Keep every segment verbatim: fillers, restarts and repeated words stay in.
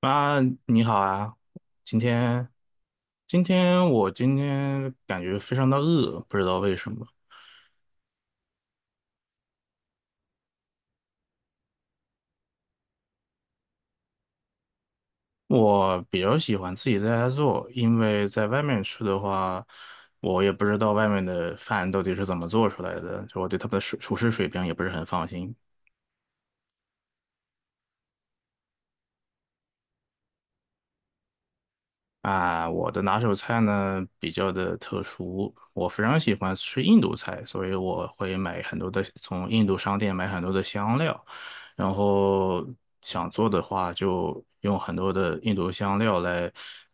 妈，你好啊！今天，今天我今天感觉非常的饿，不知道为什么。我比较喜欢自己在家做，因为在外面吃的话，我也不知道外面的饭到底是怎么做出来的，就我对他们的水厨师水平也不是很放心。啊，我的拿手菜呢比较的特殊，我非常喜欢吃印度菜，所以我会买很多的，从印度商店买很多的香料，然后想做的话就用很多的印度香料来，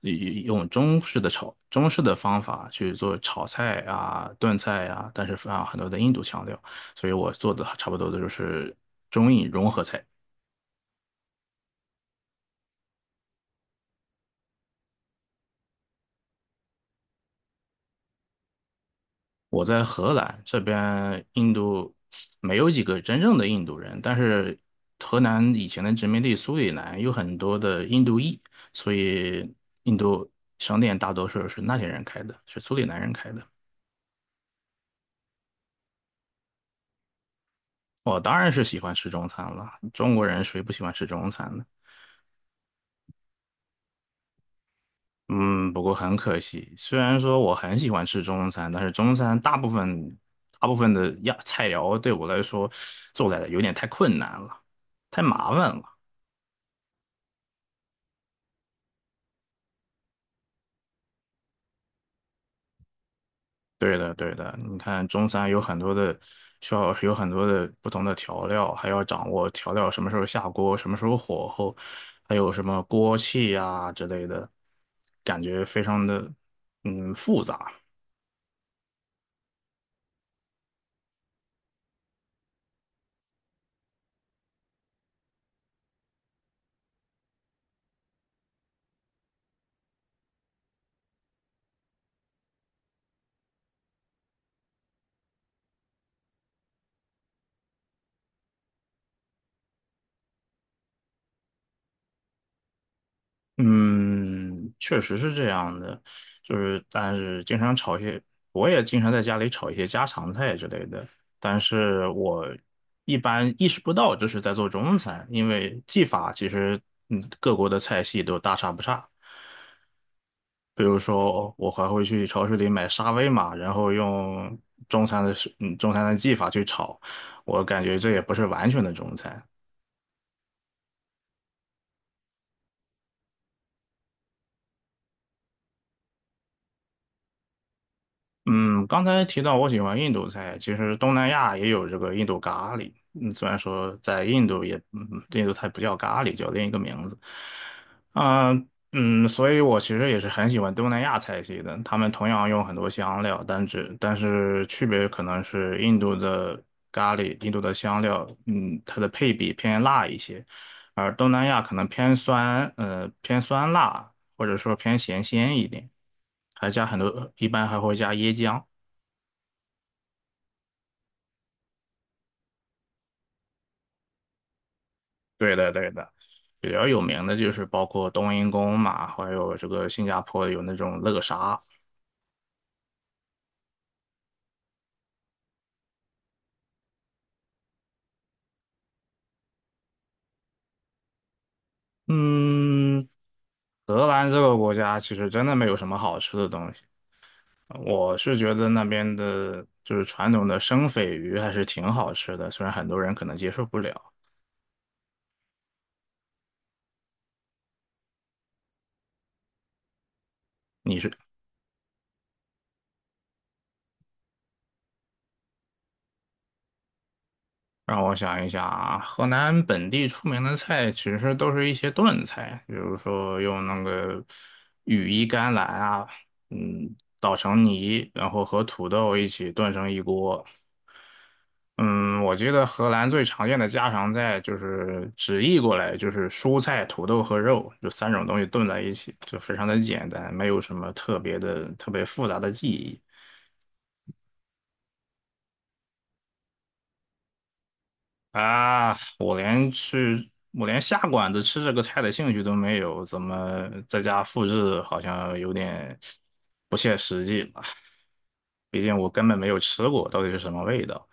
呃用中式的炒，中式的方法去做炒菜啊、炖菜啊，但是放很多的印度香料，所以我做的差不多的就是中印融合菜。我在荷兰这边，印度没有几个真正的印度人，但是荷兰以前的殖民地苏里南有很多的印度裔，所以印度商店大多数是那些人开的，是苏里南人开的。我当然是喜欢吃中餐了，中国人谁不喜欢吃中餐呢？嗯，不过很可惜，虽然说我很喜欢吃中餐，但是中餐大部分大部分的呀菜肴对我来说做来有点太困难了，太麻烦了。对的，对的，你看中餐有很多的，需要有很多的不同的调料，还要掌握调料什么时候下锅，什么时候火候，还有什么锅气呀、之类的，感觉非常的嗯复杂。嗯，确实是这样的，就是但是经常炒一些，我也经常在家里炒一些家常菜之类的，但是我一般意识不到这是在做中餐，因为技法其实嗯各国的菜系都大差不差。比如说，我还会去超市里买沙威玛，然后用中餐的食嗯，中餐的技法去炒，我感觉这也不是完全的中餐。嗯，刚才提到我喜欢印度菜，其实东南亚也有这个印度咖喱。嗯，虽然说在印度也，嗯，印度菜不叫咖喱，叫另一个名字。啊、嗯，所以我其实也是很喜欢东南亚菜系的。他们同样用很多香料，但只但是区别可能是印度的咖喱，印度的香料，嗯，它的配比偏辣一些，而东南亚可能偏酸，呃，偏酸辣，或者说偏咸鲜一点，还加很多，一般还会加椰浆。对的，对的，比较有名的就是包括冬阴功嘛，还有这个新加坡有那种乐沙。嗯，荷兰这个国家其实真的没有什么好吃的东西，我是觉得那边的就是传统的生鲱鱼还是挺好吃的，虽然很多人可能接受不了。你是？让我想一想啊，河南本地出名的菜其实都是一些炖菜，比如说用那个羽衣甘蓝啊，嗯，捣成泥，然后和土豆一起炖成一锅。嗯，我记得荷兰最常见的家常菜就是直译过来就是蔬菜、土豆和肉，就三种东西炖在一起，就非常的简单，没有什么特别的、特别复杂的技艺。啊，我连去，我连下馆子吃这个菜的兴趣都没有，怎么在家复制好像有点不切实际了？毕竟我根本没有吃过，到底是什么味道。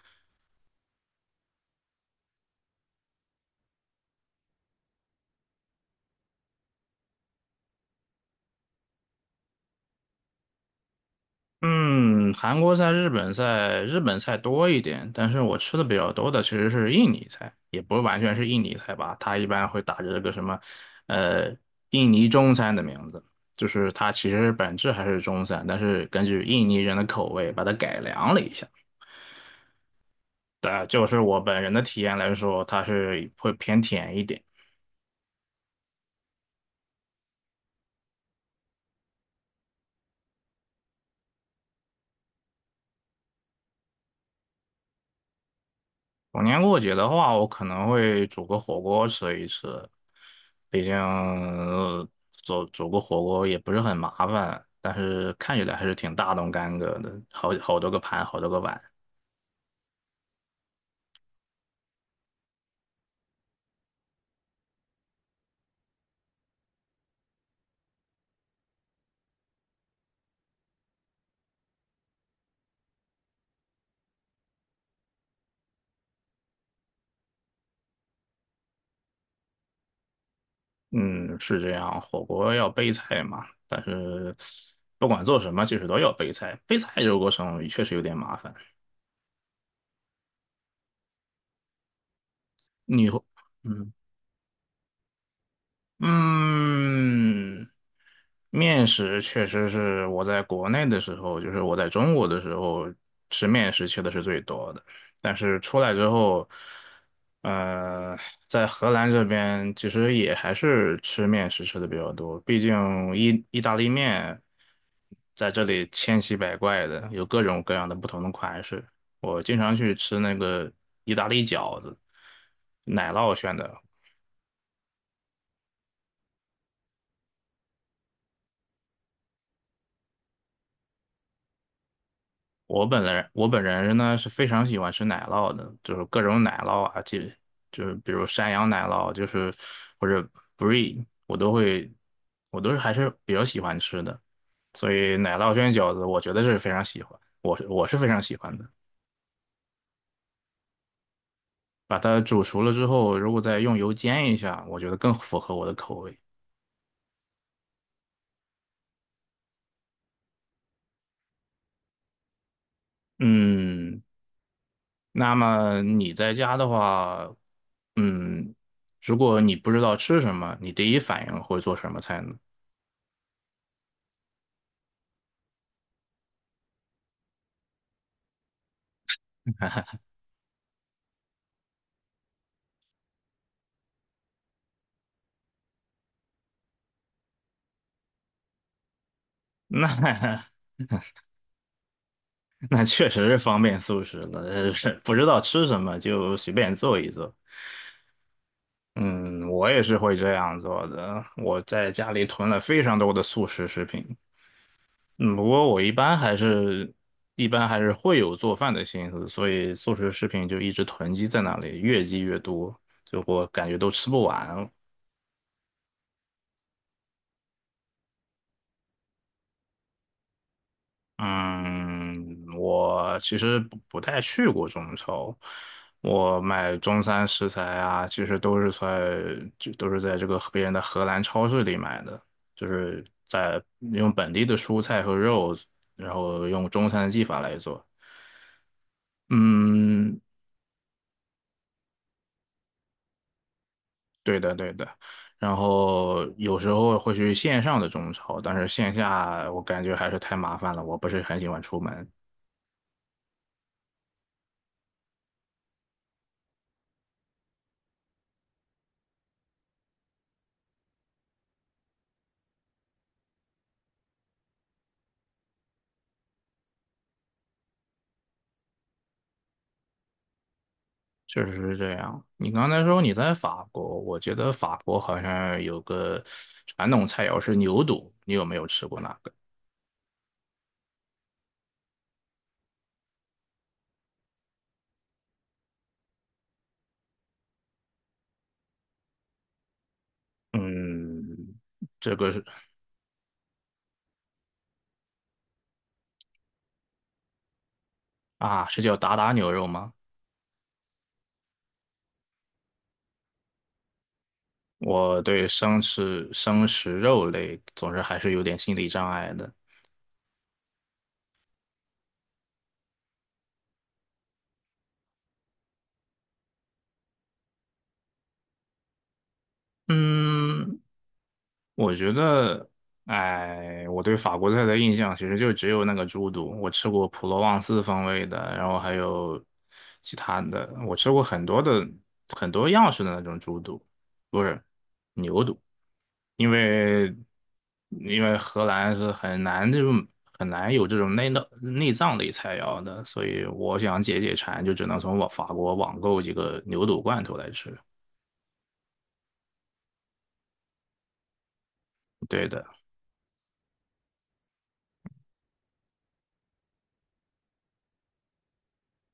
嗯，韩国菜、日本菜，日本菜多一点，但是我吃的比较多的其实是印尼菜，也不是完全是印尼菜吧，它一般会打着这个什么，呃，印尼中餐的名字，就是它其实本质还是中餐，但是根据印尼人的口味把它改良了一下。对，就是我本人的体验来说，它是会偏甜一点。逢年过节的话，我可能会煮个火锅吃一吃，毕竟呃煮煮个火锅也不是很麻烦，但是看起来还是挺大动干戈的，好好多个盘，好多个碗。嗯，是这样，火锅要备菜嘛，但是不管做什么，其实都要备菜。备菜这个过程确实有点麻烦。你会嗯。嗯，面食确实是我在国内的时候，就是我在中国的时候吃面食吃的是最多的，但是出来之后，呃，在荷兰这边其实也还是吃面食吃的比较多，毕竟意意大利面在这里千奇百怪的，有各种各样的不同的款式。我经常去吃那个意大利饺子，奶酪馅的，我本人我本人呢是非常喜欢吃奶酪的，就是各种奶酪啊，就就是比如山羊奶酪，就是或者 brie,我都会，我都是还是比较喜欢吃的。所以奶酪卷饺子，我觉得是非常喜欢，我是我是非常喜欢的。把它煮熟了之后，如果再用油煎一下，我觉得更符合我的口味。嗯，那么你在家的话，嗯，如果你不知道吃什么，你第一反应会做什么菜呢？那 那确实是方便素食的，呃是不知道吃什么就随便做一做。嗯，我也是会这样做的。我在家里囤了非常多的速食食品，嗯，不过我一般还是，一般还是会有做饭的心思，所以素食食品就一直囤积在那里，越积越多，就我感觉都吃不完。嗯，我其实不不太去过中超，我买中餐食材啊，其实都是在就都是在这个别人的荷兰超市里买的，就是在用本地的蔬菜和肉，然后用中餐的技法来做。嗯，对的对的。然后有时候会去线上的中超，但是线下我感觉还是太麻烦了，我不是很喜欢出门。确实是这样。你刚才说你在法国，我觉得法国好像有个传统菜肴是牛肚，你有没有吃过那个？嗯，这个是啊，是叫达达牛肉吗？我对生吃生食肉类总是还是有点心理障碍的。嗯，我觉得，哎，我对法国菜的印象其实就只有那个猪肚，我吃过普罗旺斯风味的，然后还有其他的，我吃过很多的很多样式的那种猪肚，不是牛肚，因为因为荷兰是很难这种很难有这种内脏内脏类菜肴的，所以我想解解馋，就只能从我法国网购几个牛肚罐头来吃。对的。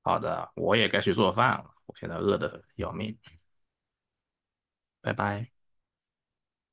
好的，我也该去做饭了，我现在饿的要命，拜拜。